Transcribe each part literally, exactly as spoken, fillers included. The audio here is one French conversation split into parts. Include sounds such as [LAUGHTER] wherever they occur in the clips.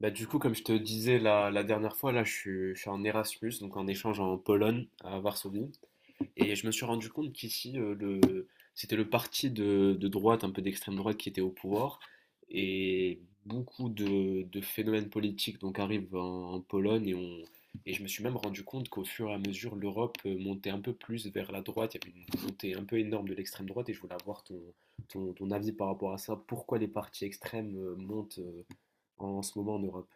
Bah, du coup, comme je te disais la, la dernière fois, là, je suis, je suis en Erasmus, donc en échange en Pologne, à Varsovie. Et je me suis rendu compte qu'ici, euh, le, c'était le parti de, de droite, un peu d'extrême droite, qui était au pouvoir. Et beaucoup de, de phénomènes politiques donc, arrivent en, en Pologne. Et, on, et je me suis même rendu compte qu'au fur et à mesure, l'Europe euh, montait un peu plus vers la droite. Il y avait une montée un peu énorme de l'extrême droite. Et je voulais avoir ton, ton, ton avis par rapport à ça. Pourquoi les partis extrêmes euh, montent euh, en ce moment en Europe?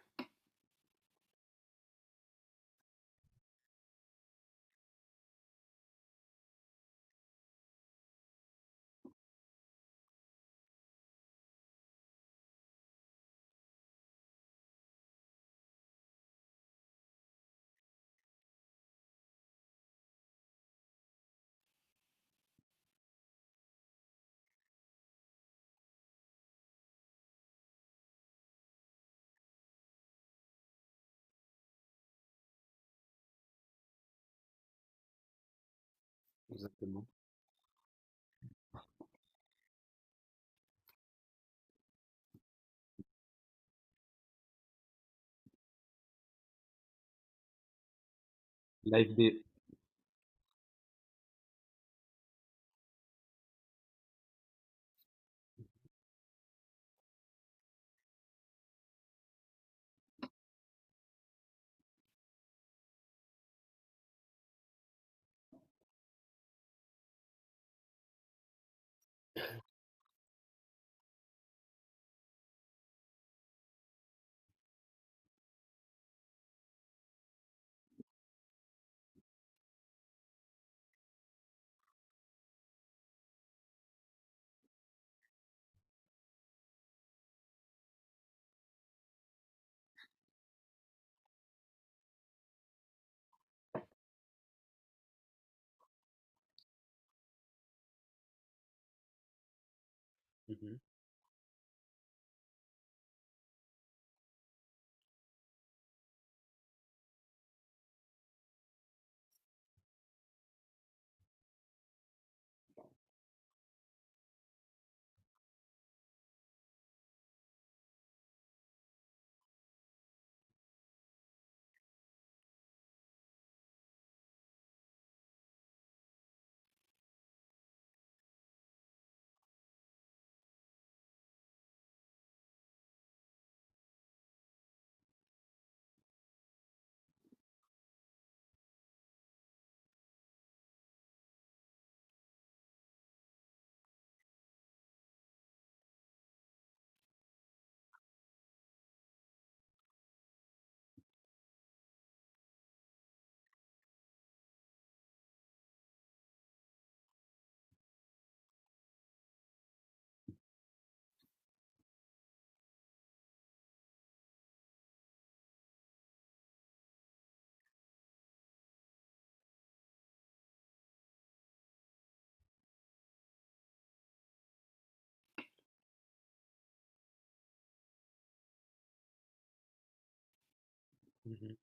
Exactement. L'A F D. Mhm, mhm.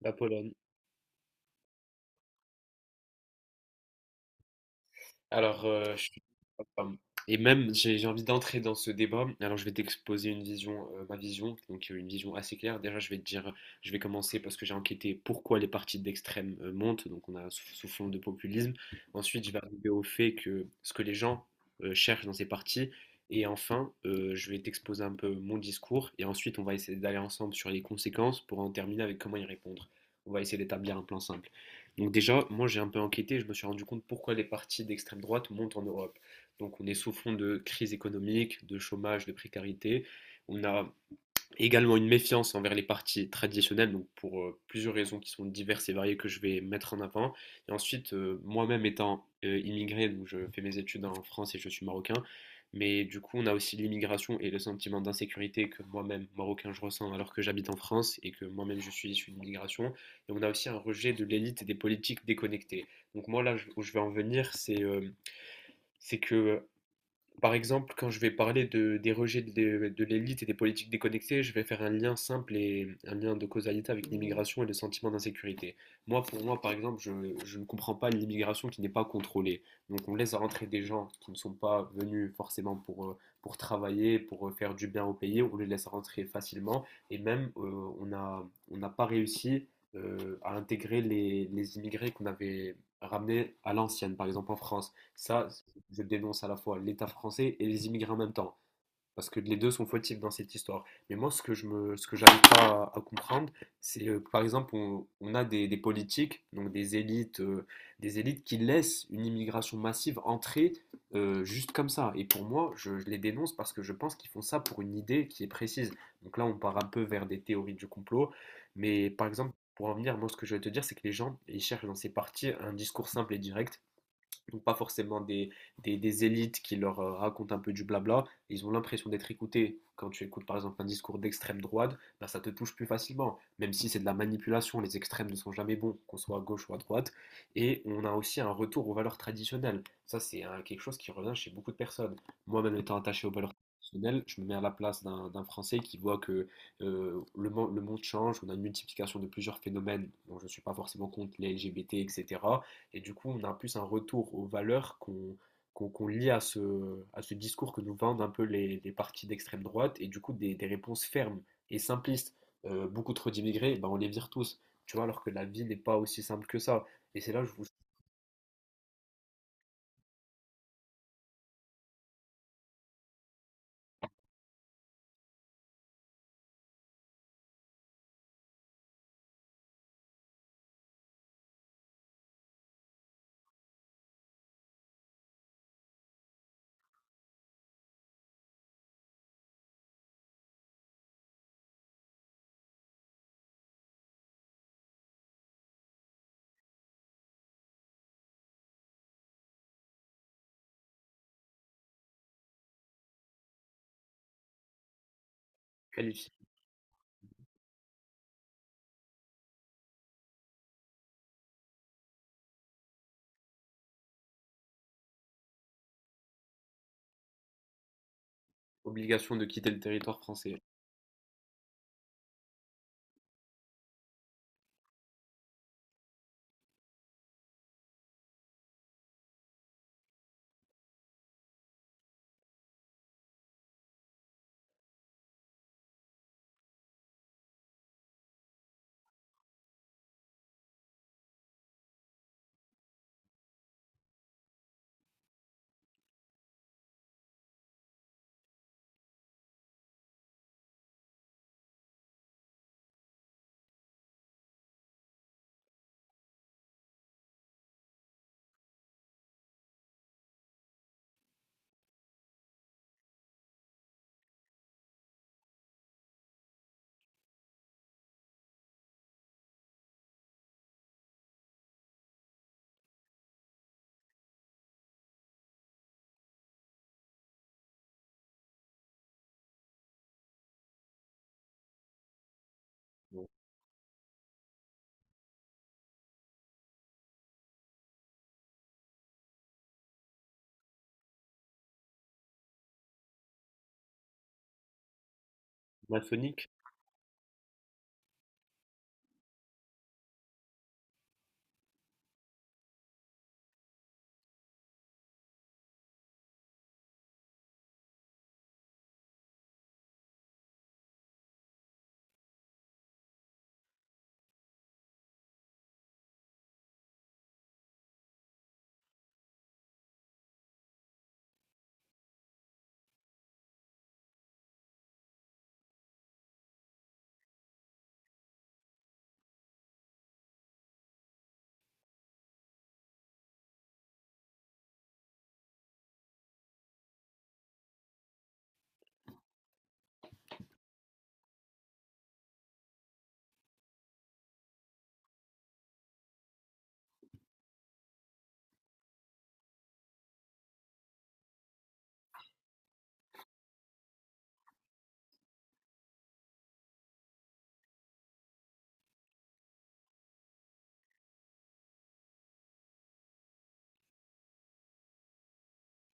La Pologne. Alors, euh, je suis... pardon. Et même, j'ai j'ai envie d'entrer dans ce débat. Alors, je vais t'exposer une vision, euh, ma vision, donc euh, une vision assez claire. Déjà, je vais te dire, je vais commencer parce que j'ai enquêté pourquoi les partis d'extrême euh, montent. Donc, on a sous, sous fond de populisme. Ensuite, je vais arriver au fait que ce que les gens euh, cherchent dans ces partis. Et enfin, euh, je vais t'exposer un peu mon discours. Et ensuite, on va essayer d'aller ensemble sur les conséquences pour en terminer avec comment y répondre. On va essayer d'établir un plan simple. Donc déjà, moi j'ai un peu enquêté, je me suis rendu compte pourquoi les partis d'extrême droite montent en Europe. Donc on est sous fond de crise économique, de chômage, de précarité. On a également une méfiance envers les partis traditionnels, donc pour euh, plusieurs raisons qui sont diverses et variées que je vais mettre en avant. Et ensuite, euh, moi-même étant euh, immigré, donc je fais mes études en France et je suis marocain, mais du coup, on a aussi l'immigration et le sentiment d'insécurité que moi-même, marocain, je ressens alors que j'habite en France et que moi-même je suis issu d'immigration. Et on a aussi un rejet de l'élite et des politiques déconnectées. Donc moi, là où je vais en venir, c'est euh, c'est que par exemple, quand je vais parler de, des rejets de, de l'élite et des politiques déconnectées, je vais faire un lien simple et un lien de causalité avec l'immigration et le sentiment d'insécurité. Moi, pour moi, par exemple, je, je ne comprends pas l'immigration qui n'est pas contrôlée. Donc, on laisse rentrer des gens qui ne sont pas venus forcément pour, euh, pour travailler, pour euh, faire du bien au pays. On les laisse rentrer facilement et même euh, on a, on n'a pas réussi euh, à intégrer les, les immigrés qu'on avait ramenés à l'ancienne, par exemple en France. Ça, je dénonce à la fois l'État français et les immigrés en même temps, parce que les deux sont fautifs dans cette histoire. Mais moi, ce que je me, ce que j'arrive pas à, à comprendre, c'est euh, par exemple, on, on a des, des politiques, donc des élites, euh, des élites qui laissent une immigration massive entrer euh, juste comme ça. Et pour moi, je, je les dénonce parce que je pense qu'ils font ça pour une idée qui est précise. Donc là, on part un peu vers des théories du complot, mais par exemple. Pour en venir, moi, ce que je vais te dire, c'est que les gens, ils cherchent dans ces partis un discours simple et direct donc pas forcément des, des, des élites qui leur euh, racontent un peu du blabla, ils ont l'impression d'être écoutés. Quand tu écoutes par exemple un discours d'extrême droite, ben ça te touche plus facilement, même si c'est de la manipulation, les extrêmes ne sont jamais bons, qu'on soit à gauche ou à droite. Et on a aussi un retour aux valeurs traditionnelles. Ça, c'est hein, quelque chose qui revient chez beaucoup de personnes. Moi-même étant attaché aux valeurs traditionnelles, je me mets à la place d'un d'un Français qui voit que euh, le, mon- le monde change, on a une multiplication de plusieurs phénomènes dont je ne suis pas forcément contre, les L G B T, et cetera. Et du coup, on a plus un retour aux valeurs qu'on qu'on qu'on lie à ce, à ce discours que nous vendent un peu les, les partis d'extrême droite et du coup des, des réponses fermes et simplistes. Euh, beaucoup trop d'immigrés, ben, on les vire tous. Tu vois, alors que la vie n'est pas aussi simple que ça. Et c'est là que je vous qualifie obligation de quitter le territoire français. Bon, maçonnique.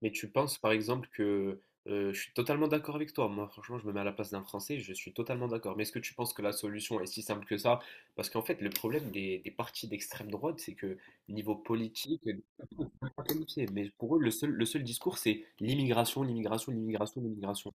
Mais tu penses par exemple que euh, je suis totalement d'accord avec toi. Moi, franchement, je me mets à la place d'un Français, je suis totalement d'accord. Mais est-ce que tu penses que la solution est si simple que ça? Parce qu'en fait, le problème des, des partis d'extrême droite, c'est que niveau politique, ils sont pas qualifiés. Mais pour eux, le seul, le seul discours, c'est l'immigration, l'immigration, l'immigration, l'immigration.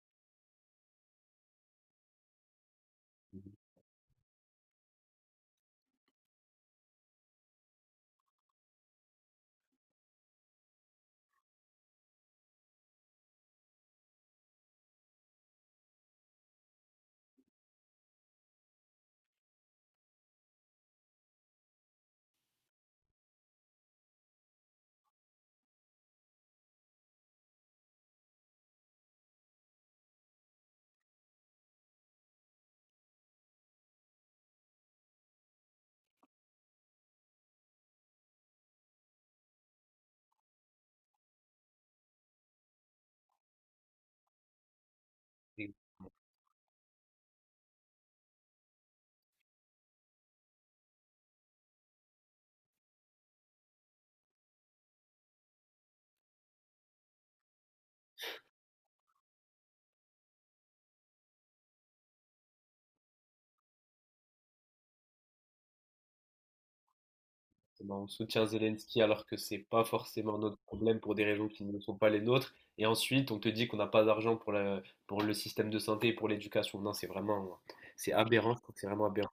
Exactement. On soutient Zelensky alors que c'est pas forcément notre problème pour des raisons qui ne sont pas les nôtres. Et ensuite, on te dit qu'on n'a pas d'argent pour la- pour le système de santé, pour l'éducation. Non, c'est vraiment, c'est aberrant. Je trouve que c'est vraiment aberrant.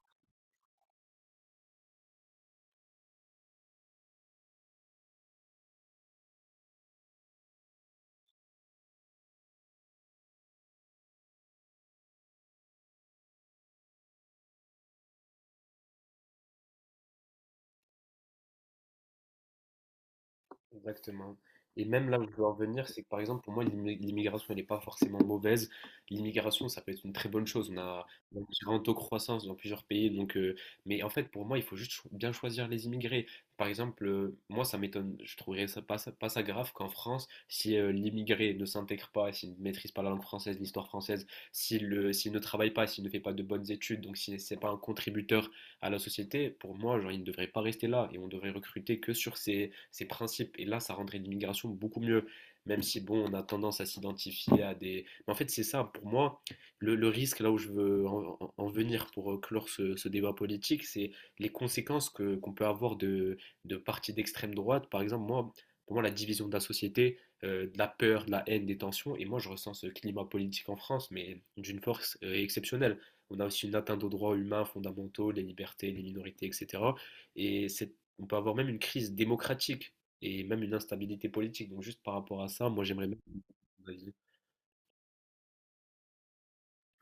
Exactement. Et même là où je veux en venir, c'est que par exemple, pour moi, l'immi- l'immigration, elle n'est pas forcément mauvaise. L'immigration, ça peut être une très bonne chose. On a, on a un taux de croissance dans plusieurs pays. Donc, euh, mais en fait, pour moi, il faut juste cho- bien choisir les immigrés. Par exemple, euh, moi, ça m'étonne, je trouverais ça pas, ça- pas ça grave qu'en France, si euh, l'immigré ne s'intègre pas, s'il ne maîtrise pas la langue française, l'histoire française, s'il euh, s'il ne travaille pas, s'il ne fait pas de bonnes études, donc s'il n'est pas un contributeur à la société, pour moi, genre, il ne devrait pas rester là et on devrait recruter que sur ces, ces principes. Et là, ça rendrait l'immigration beaucoup mieux, même si, bon, on a tendance à s'identifier à des... Mais en fait, c'est ça, pour moi, le, le risque, là où je veux en, en- en venir pour euh, clore ce, ce débat politique, c'est les conséquences que, qu'on peut avoir de, de partis d'extrême droite. Par exemple, moi, pour moi, la division de la société euh, de la peur, de la haine, des tensions. Et moi, je ressens ce climat politique en France, mais d'une force euh, exceptionnelle. On a aussi une atteinte aux droits humains fondamentaux, les libertés, les minorités, et cetera. Et c'est- on peut avoir même une crise démocratique et même une instabilité politique. Donc juste par rapport à ça, moi j'aimerais bien...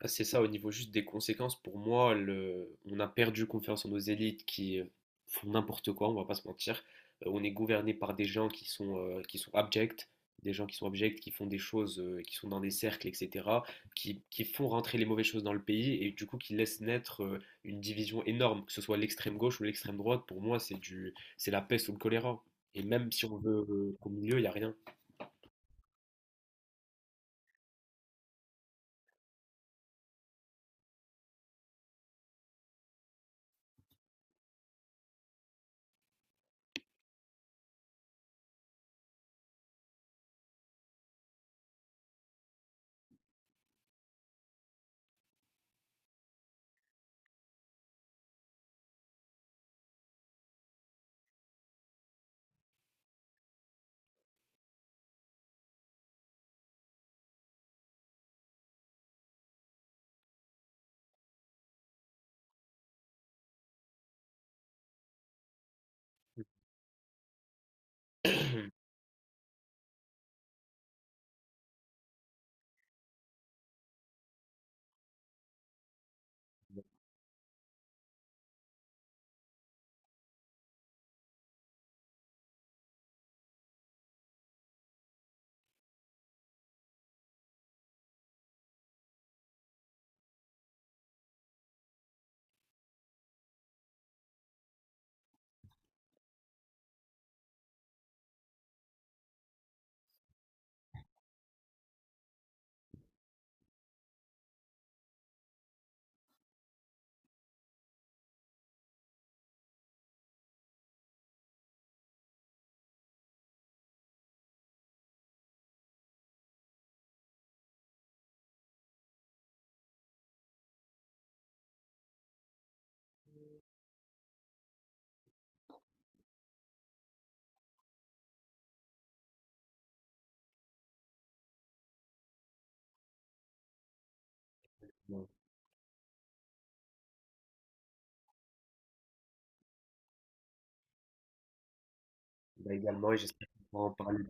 C'est ça, au niveau juste des conséquences, pour moi, le... on a perdu confiance en nos élites qui euh, font n'importe quoi, on va pas se mentir. Euh, on est gouverné par des gens qui sont, euh, qui sont abjects, des gens qui sont abjects, qui font des choses, euh, qui sont dans des cercles, et cetera, qui, qui font rentrer les mauvaises choses dans le pays et du coup qui laissent naître euh, une division énorme, que ce soit l'extrême gauche ou l'extrême droite. Pour moi, c'est du, c'est la peste ou le choléra. Et même si on veut euh, qu'au milieu, il n'y a rien. [COUGHS] [CLEARS THROAT] Bon, bah également, et j'espère qu'on pourra en parler.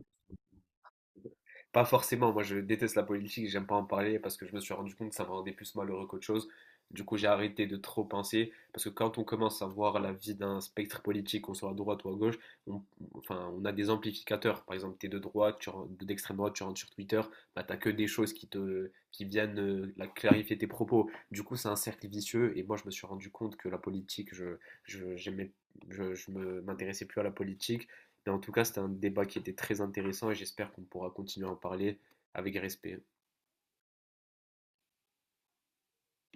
Pas forcément, moi je déteste la politique, j'aime pas en parler parce que je me suis rendu compte que ça me rendait plus malheureux qu'autre chose. Du coup, j'ai arrêté de trop penser parce que quand on commence à voir la vie d'un spectre politique, qu'on soit à droite ou à gauche, on, enfin, on a des amplificateurs. Par exemple, tu es de droite, tu, rentres- d'extrême droite, tu rentres sur Twitter, bah, tu n'as que des choses qui, te, qui viennent euh, la clarifier tes propos. Du coup, c'est un cercle vicieux et moi, je me suis rendu compte que la politique, je, je, j'aimais- je, je me- m'intéressais plus à la politique mais en tout cas, c'était un débat qui était très intéressant et j'espère qu'on pourra continuer à en parler avec respect.